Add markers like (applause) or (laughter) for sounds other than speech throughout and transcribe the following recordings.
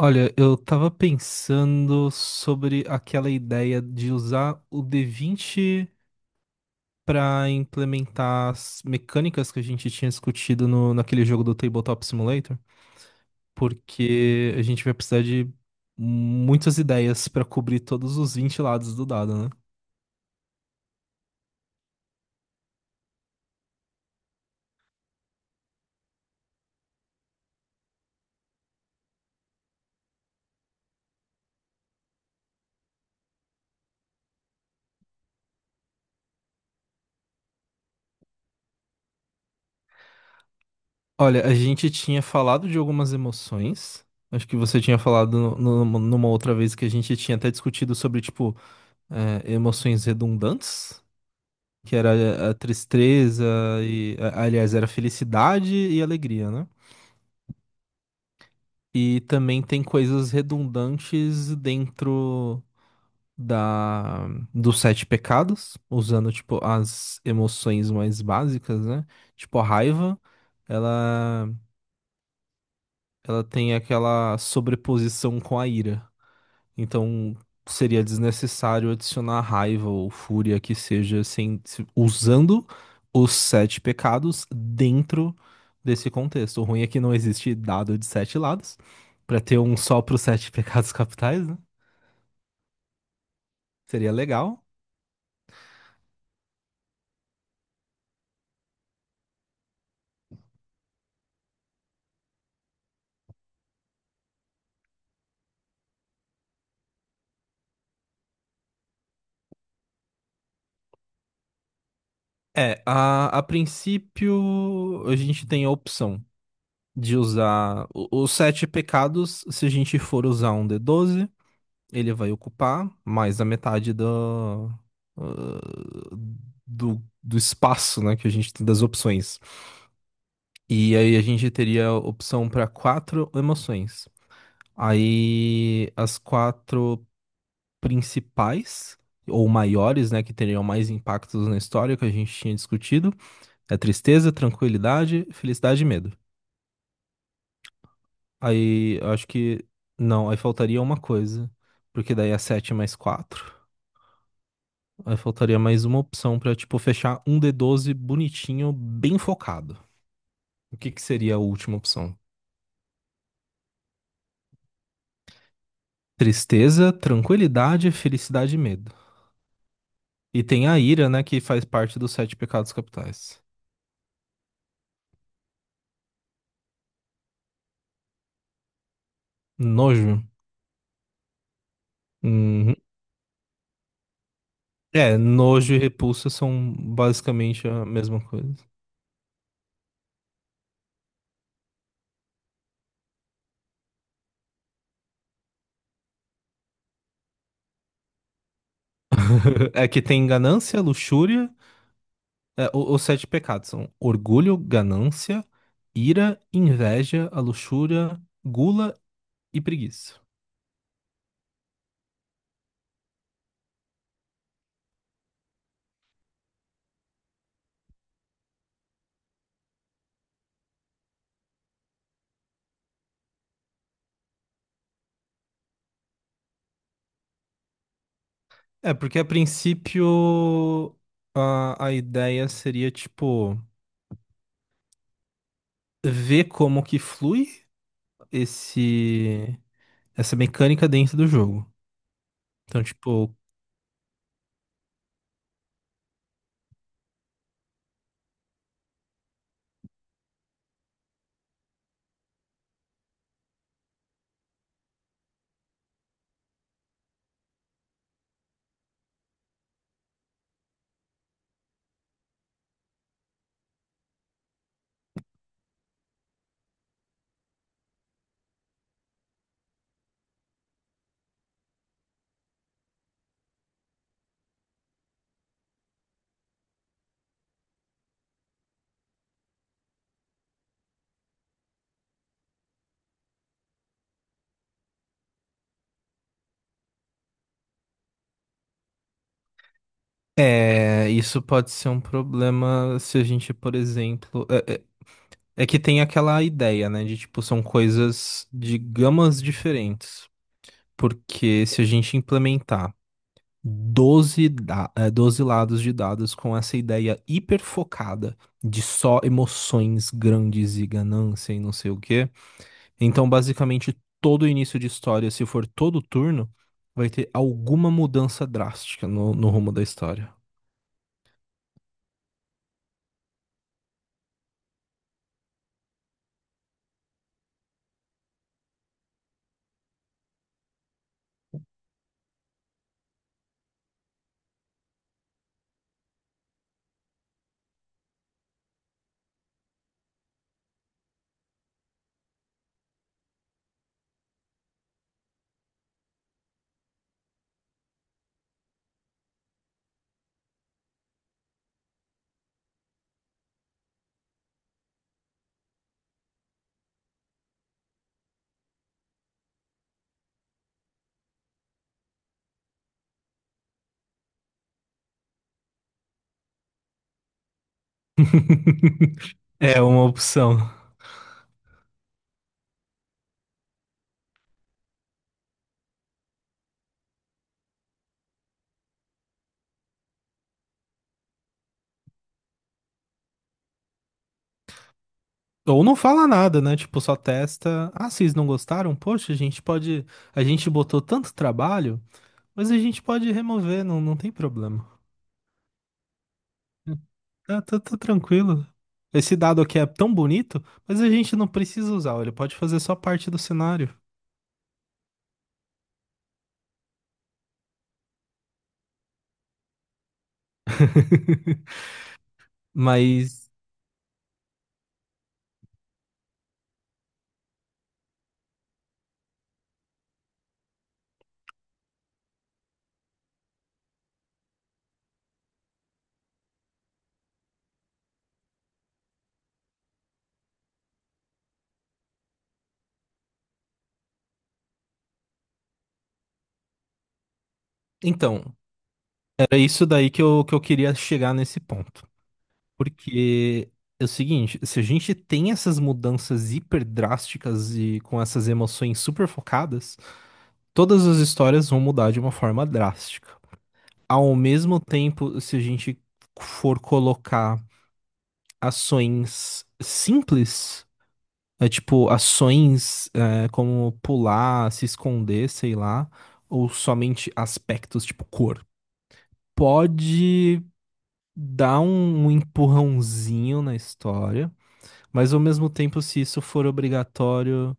Olha, eu tava pensando sobre aquela ideia de usar o D20 para implementar as mecânicas que a gente tinha discutido no, naquele jogo do Tabletop Simulator, porque a gente vai precisar de muitas ideias para cobrir todos os 20 lados do dado, né? Olha, a gente tinha falado de algumas emoções. Acho que você tinha falado numa outra vez que a gente tinha até discutido sobre, tipo, emoções redundantes. Que era a tristeza e, aliás, era felicidade e alegria, né? E também tem coisas redundantes dentro da dos sete pecados, usando tipo as emoções mais básicas, né? Tipo a raiva, ela ela tem aquela sobreposição com a ira. Então seria desnecessário adicionar raiva ou fúria que seja sem, usando os sete pecados dentro desse contexto. O ruim é que não existe dado de sete lados para ter um só para os sete (laughs) pecados capitais, né? Seria legal. É, a princípio a gente tem a opção de usar os sete pecados se a gente for usar um d doze. Ele vai ocupar mais a metade ah, do espaço, né, que a gente tem das opções. E aí a gente teria opção para quatro emoções. Aí as quatro principais, ou maiores, né, que teriam mais impactos na história que a gente tinha discutido, é tristeza, tranquilidade, felicidade e medo. Aí eu acho que. Não, aí faltaria uma coisa, porque daí é sete mais quatro. Aí faltaria mais uma opção pra, tipo, fechar um d doze bonitinho, bem focado. O que que seria a última opção? Tristeza, tranquilidade, felicidade e medo. E tem a ira, né, que faz parte dos sete pecados capitais. Nojo. Uhum. É, nojo e repulsa são basicamente a mesma coisa. (laughs) É que tem ganância, luxúria. É, os sete pecados são orgulho, ganância, ira, inveja, a luxúria, gula e preguiça. É, porque a princípio a ideia seria, tipo, ver como que flui esse, essa mecânica dentro do jogo. Então, tipo, é, isso pode ser um problema se a gente, por exemplo. É que tem aquela ideia, né, de, tipo, são coisas de gamas diferentes. Porque se a gente implementar 12 lados de dados com essa ideia hiperfocada de só emoções grandes e ganância e não sei o quê. Então, basicamente, todo início de história, se for todo turno, vai ter alguma mudança drástica no, no rumo da história. (laughs) É uma opção. Ou não fala nada, né? Tipo, só testa. Ah, vocês não gostaram? Poxa, a gente pode. A gente botou tanto trabalho, mas a gente pode remover, não, não tem problema. Tá, tá, tá tranquilo. Esse dado aqui é tão bonito, mas a gente não precisa usar, ele pode fazer só parte do cenário. (laughs) Mas, então, era isso daí que eu queria chegar nesse ponto. Porque é o seguinte, se a gente tem essas mudanças hiper drásticas e com essas emoções super focadas, todas as histórias vão mudar de uma forma drástica. Ao mesmo tempo, se a gente for colocar ações simples. É tipo ações, é, como pular, se esconder, sei lá, ou somente aspectos tipo cor. Pode dar um, um empurrãozinho na história, mas ao mesmo tempo, se isso for obrigatório,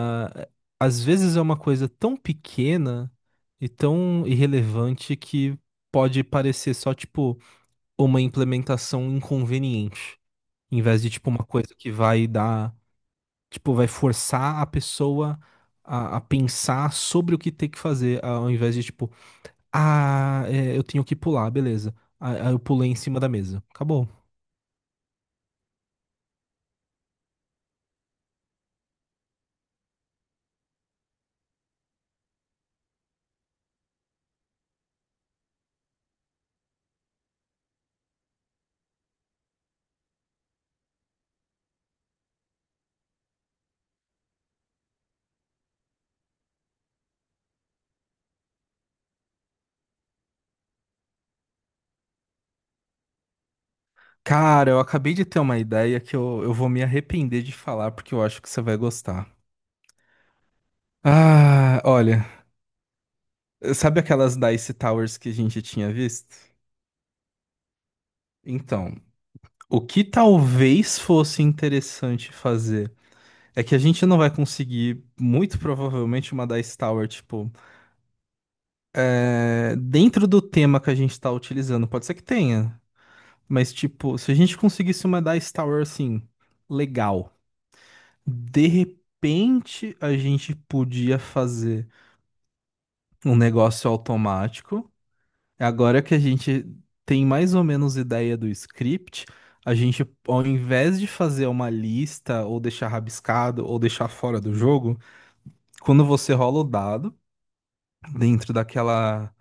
a- às vezes é uma coisa tão pequena e tão irrelevante que pode parecer só tipo uma implementação inconveniente, em vez de tipo uma coisa que vai dar. Tipo, vai forçar a pessoa a pensar sobre o que tem que fazer, ao invés de, tipo, ah, é, eu tenho que pular, beleza. Aí eu pulei em cima da mesa. Acabou. Cara, eu acabei de ter uma ideia que eu vou me arrepender de falar, porque eu acho que você vai gostar. Ah, olha, sabe aquelas Dice Towers que a gente tinha visto? Então, o que talvez fosse interessante fazer é que a gente não vai conseguir, muito provavelmente, uma Dice Tower, tipo. É, dentro do tema que a gente tá utilizando, pode ser que tenha, mas tipo, se a gente conseguisse uma Dice Tower assim, legal, de repente a gente podia fazer um negócio automático. Agora que a gente tem mais ou menos ideia do script, a gente, ao invés de fazer uma lista ou deixar rabiscado ou deixar fora do jogo, quando você rola o dado dentro daquela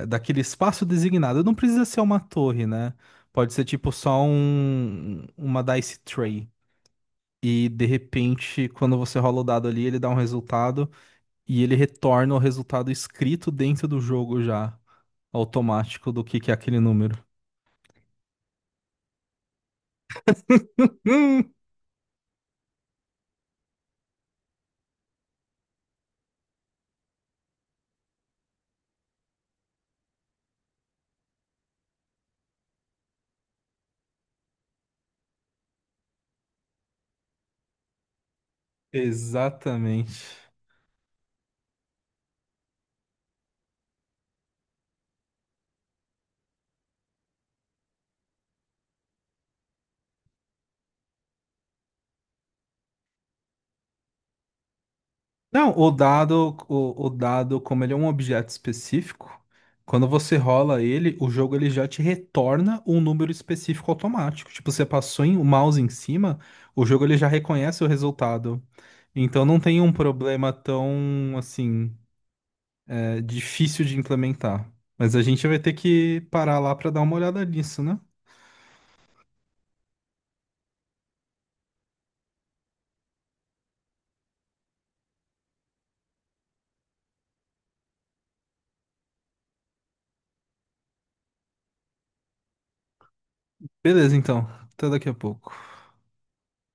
é, daquele espaço designado. Não precisa ser uma torre, né? Pode ser tipo só um, uma dice tray. E de repente, quando você rola o dado ali, ele dá um resultado e ele retorna o resultado escrito dentro do jogo já, automático do que é aquele número. Hum, Exatamente. Não, o dado, o dado, como ele é um objeto específico, quando você rola ele, o jogo ele já te retorna um número específico automático. Tipo, você passou em- o mouse em cima, o jogo ele já reconhece o resultado. Então não tem um problema tão, assim, é, difícil de implementar. Mas a gente vai ter que parar lá para dar uma olhada nisso, né? Beleza, então. Até daqui a pouco.